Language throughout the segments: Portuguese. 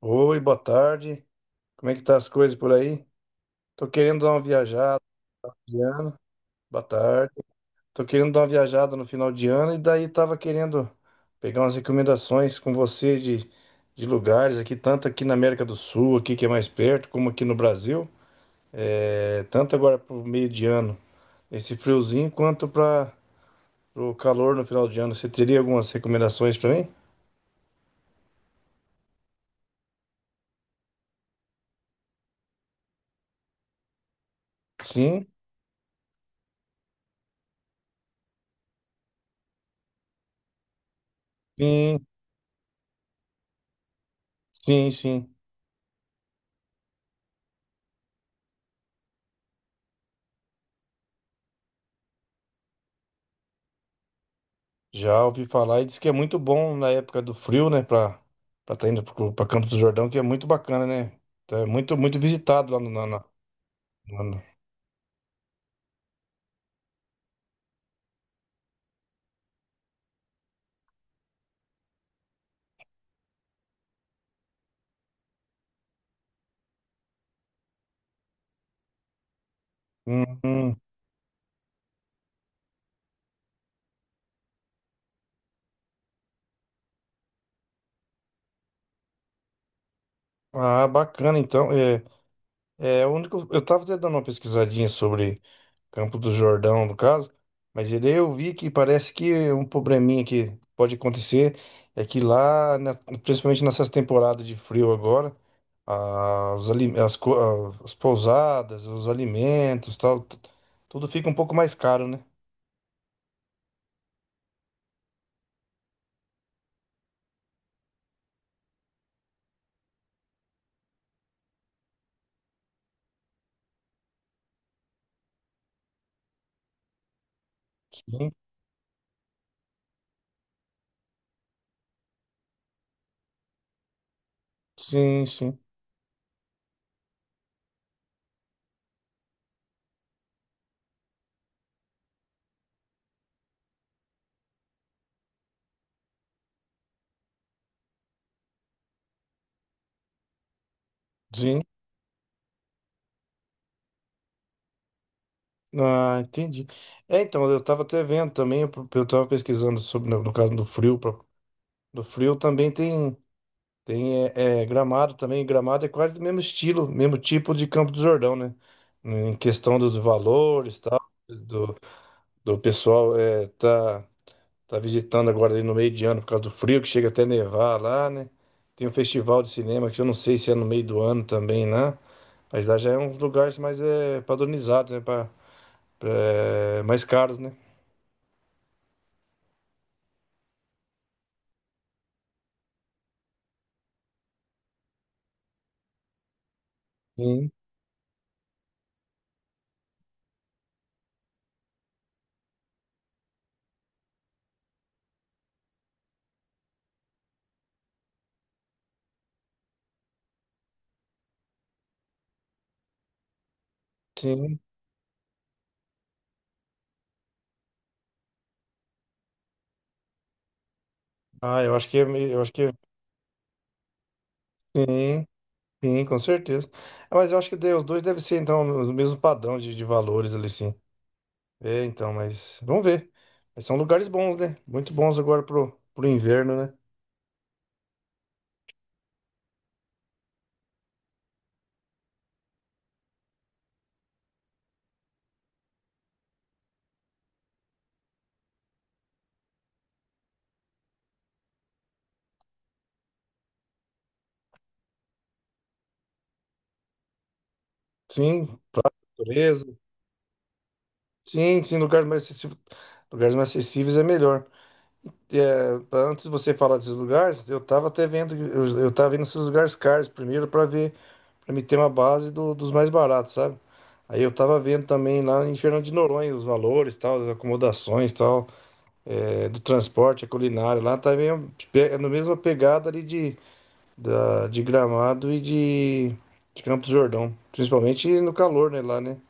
Oi, boa tarde. Como é que tá as coisas por aí? Tô querendo dar uma viajada de ano. Boa tarde. Tô querendo dar uma viajada no final de ano e daí tava querendo pegar umas recomendações com você de lugares aqui, tanto aqui na América do Sul, aqui que é mais perto, como aqui no Brasil. Tanto agora pro meio de ano, esse friozinho, quanto para o calor no final de ano. Você teria algumas recomendações para mim? Sim, sim, sim, sim. Já ouvi falar e diz que é muito bom na época do frio, né? Pra tá indo pra Campos do Jordão, que é muito bacana, né? Então, é muito, muito visitado lá na- no- Hum, hum. Ah, bacana, então. É, é o único. Eu tava até dando uma pesquisadinha sobre Campo do Jordão, no caso. Mas ele eu vi que parece que um probleminha que pode acontecer é que lá, principalmente nessas temporadas de frio agora, ah, ali- as, co- as pousadas, os alimentos, tal, tudo fica um pouco mais caro, né? Sim, sim, sim. Ah, entendi. É, então, eu tava até vendo também, eu tava pesquisando sobre, no caso do frio, do frio também tem. Tem é, Gramado também. Gramado é quase do mesmo estilo, mesmo tipo de Campo do Jordão, né? Em questão dos valores, tal, do, do pessoal tá visitando agora ali no meio de ano por causa do frio, que chega até nevar lá, né? Tem um festival de cinema que eu não sei se é no meio do ano também lá, mas lá já é um lugar mais padronizado, né? Mais caros, né? Sim, sim. Ah, eu acho eu acho que é, sim. Sim, com certeza. Ah, mas eu acho que os dois devem ser, então, no mesmo padrão de valores ali, sim. É, então, mas vamos ver. Mas são lugares bons, né? Muito bons agora pro inverno, né? Sim, natureza. Sim, sim, lugares mais acessíveis é melhor. Antes de você falar desses lugares, eu tava até vendo, eu tava vendo esses lugares caros primeiro para ver, para me ter uma base dos mais baratos, sabe? Aí eu tava vendo também lá em Fernando de Noronha os valores, tal, as acomodações, tal. É, do transporte, a culinária lá tá meio, tipo, é na mesma pegada ali de Gramado e de Campos do Jordão. Principalmente no calor, né, lá, né?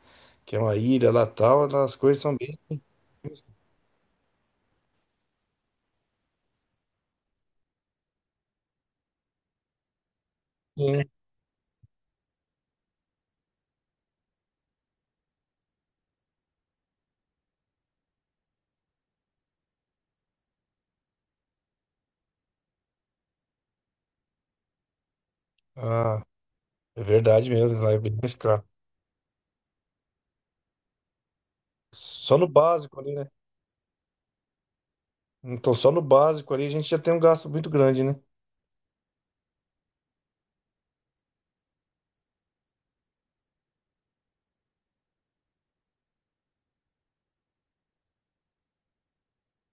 Que é uma ilha lá tal, lá as coisas são bem. Sim. Ah, é verdade mesmo, lá é bem mais caro. Só no básico ali, né? Então só no básico ali a gente já tem um gasto muito grande, né?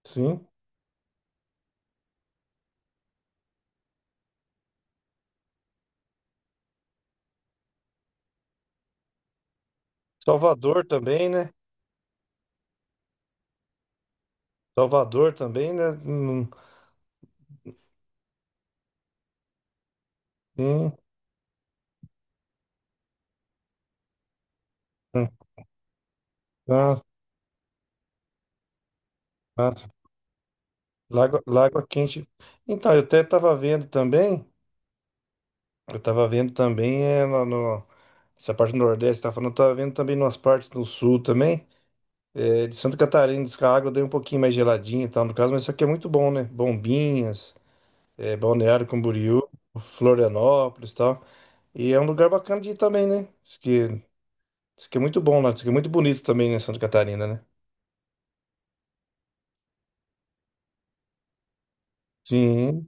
Sim. Salvador também, né? Salvador também, né? Sim. Ah, ah. Lagoa, Lagoa Quente. Então, eu até estava vendo também. Eu tava vendo também essa parte do Nordeste, tá falando, eu tava vendo também umas partes do Sul também, é, de Santa Catarina, diz que a água deu um pouquinho mais geladinha e tal, no caso, mas isso aqui é muito bom, né? Bombinhas, é, Balneário Camboriú, Florianópolis e tal, e é um lugar bacana de ir também, né? Diz que é muito bom lá, diz que é muito bonito também, né, Santa Catarina, né? Sim,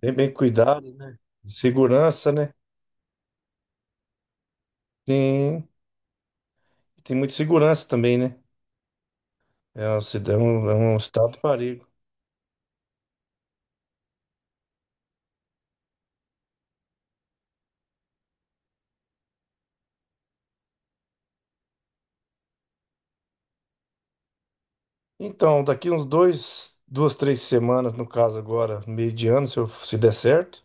tem bem cuidado, né? Segurança, né? Sim, tem muita segurança também, né? É é um estado parelho. Então, daqui uns dois, duas, três semanas, no caso agora, meio de ano, se der certo.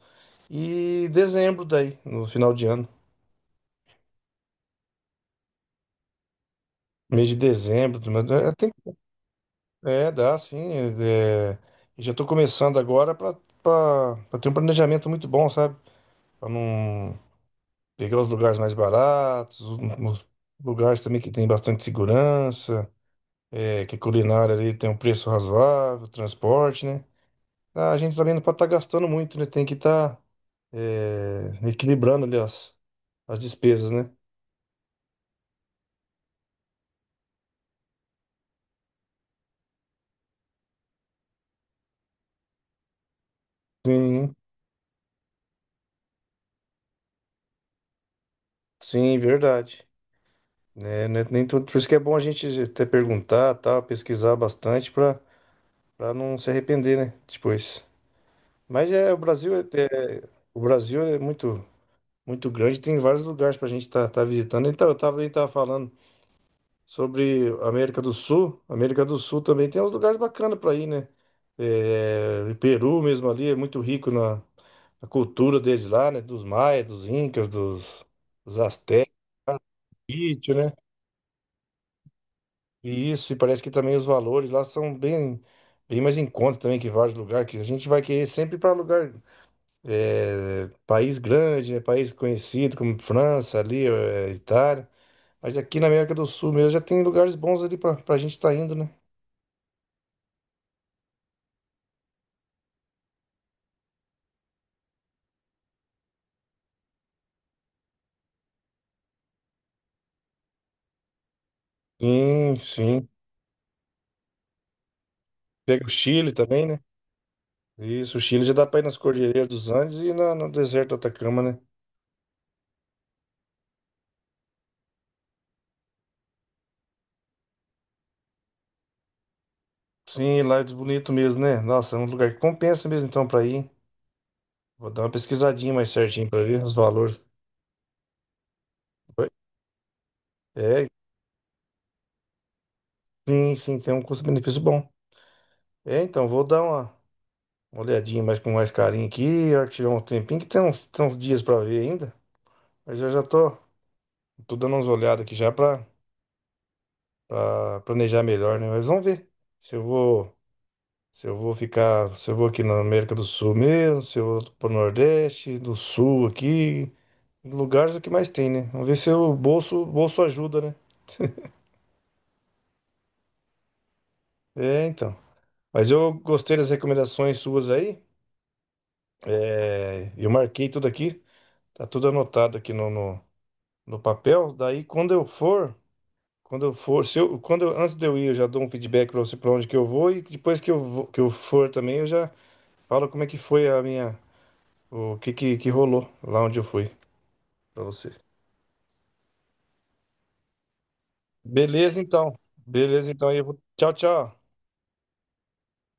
E dezembro daí, no final de ano. Mês de dezembro, dá sim. É, e já tô começando agora pra para ter um planejamento muito bom, sabe? Para não pegar os lugares mais baratos, os lugares também que tem bastante segurança, é, que a culinária ali tem um preço razoável, transporte, né? A gente também não pode estar gastando muito, né? Tem que estar é, equilibrando ali as despesas, né? Sim, sim, verdade. Né, Nem tudo, por isso que é bom a gente até perguntar, tá, pesquisar bastante para não se arrepender, né, depois. Mas é o Brasil é, é- o Brasil é muito muito grande, tem vários lugares para a gente estar visitando. Então eu tava falando sobre América do Sul também tem uns lugares bacanas para ir, né? É, Peru mesmo ali é muito rico na cultura deles lá, né? Dos maias, dos incas, dos astecas, sítio, né? E isso, e parece que também os valores lá são bem mais em conta também que vários lugares, que a gente vai querer sempre para lugar, é, país grande, né? País conhecido como França, ali, é, Itália. Mas aqui na América do Sul mesmo já tem lugares bons ali para a gente estar indo, né? Sim, sim. Pega o Chile também, né? Isso, o Chile já dá pra ir nas Cordilheiras dos Andes e no deserto do Atacama, né? Sim, lá é bonito mesmo, né? Nossa, é um lugar que compensa mesmo então pra ir. Vou dar uma pesquisadinha mais certinho pra ver os valores. Oi? É, sim, sim, tem um custo-benefício bom. É, então, vou dar uma olhadinha mais com mais carinho aqui, a hora que tiver um tempinho, que tem uns dias pra ver ainda. Mas eu já tô dando umas olhadas aqui já pra planejar melhor, né? Mas vamos ver se eu vou. Se eu vou ficar, se eu vou aqui na América do Sul mesmo, se eu vou pro Nordeste, do Sul aqui, lugares é o que mais tem, né? Vamos ver se o bolso ajuda, né? É, então. Mas eu gostei das recomendações suas aí. É, eu marquei tudo aqui, tá tudo anotado aqui no papel. Daí quando eu for, se eu, antes de eu ir, eu já dou um feedback para você para onde que eu vou e depois que eu vou, que eu for também, eu já falo como é que foi o que que rolou lá onde eu fui para você. Beleza, então. Beleza, então. Aí eu vou... Tchau, tchau.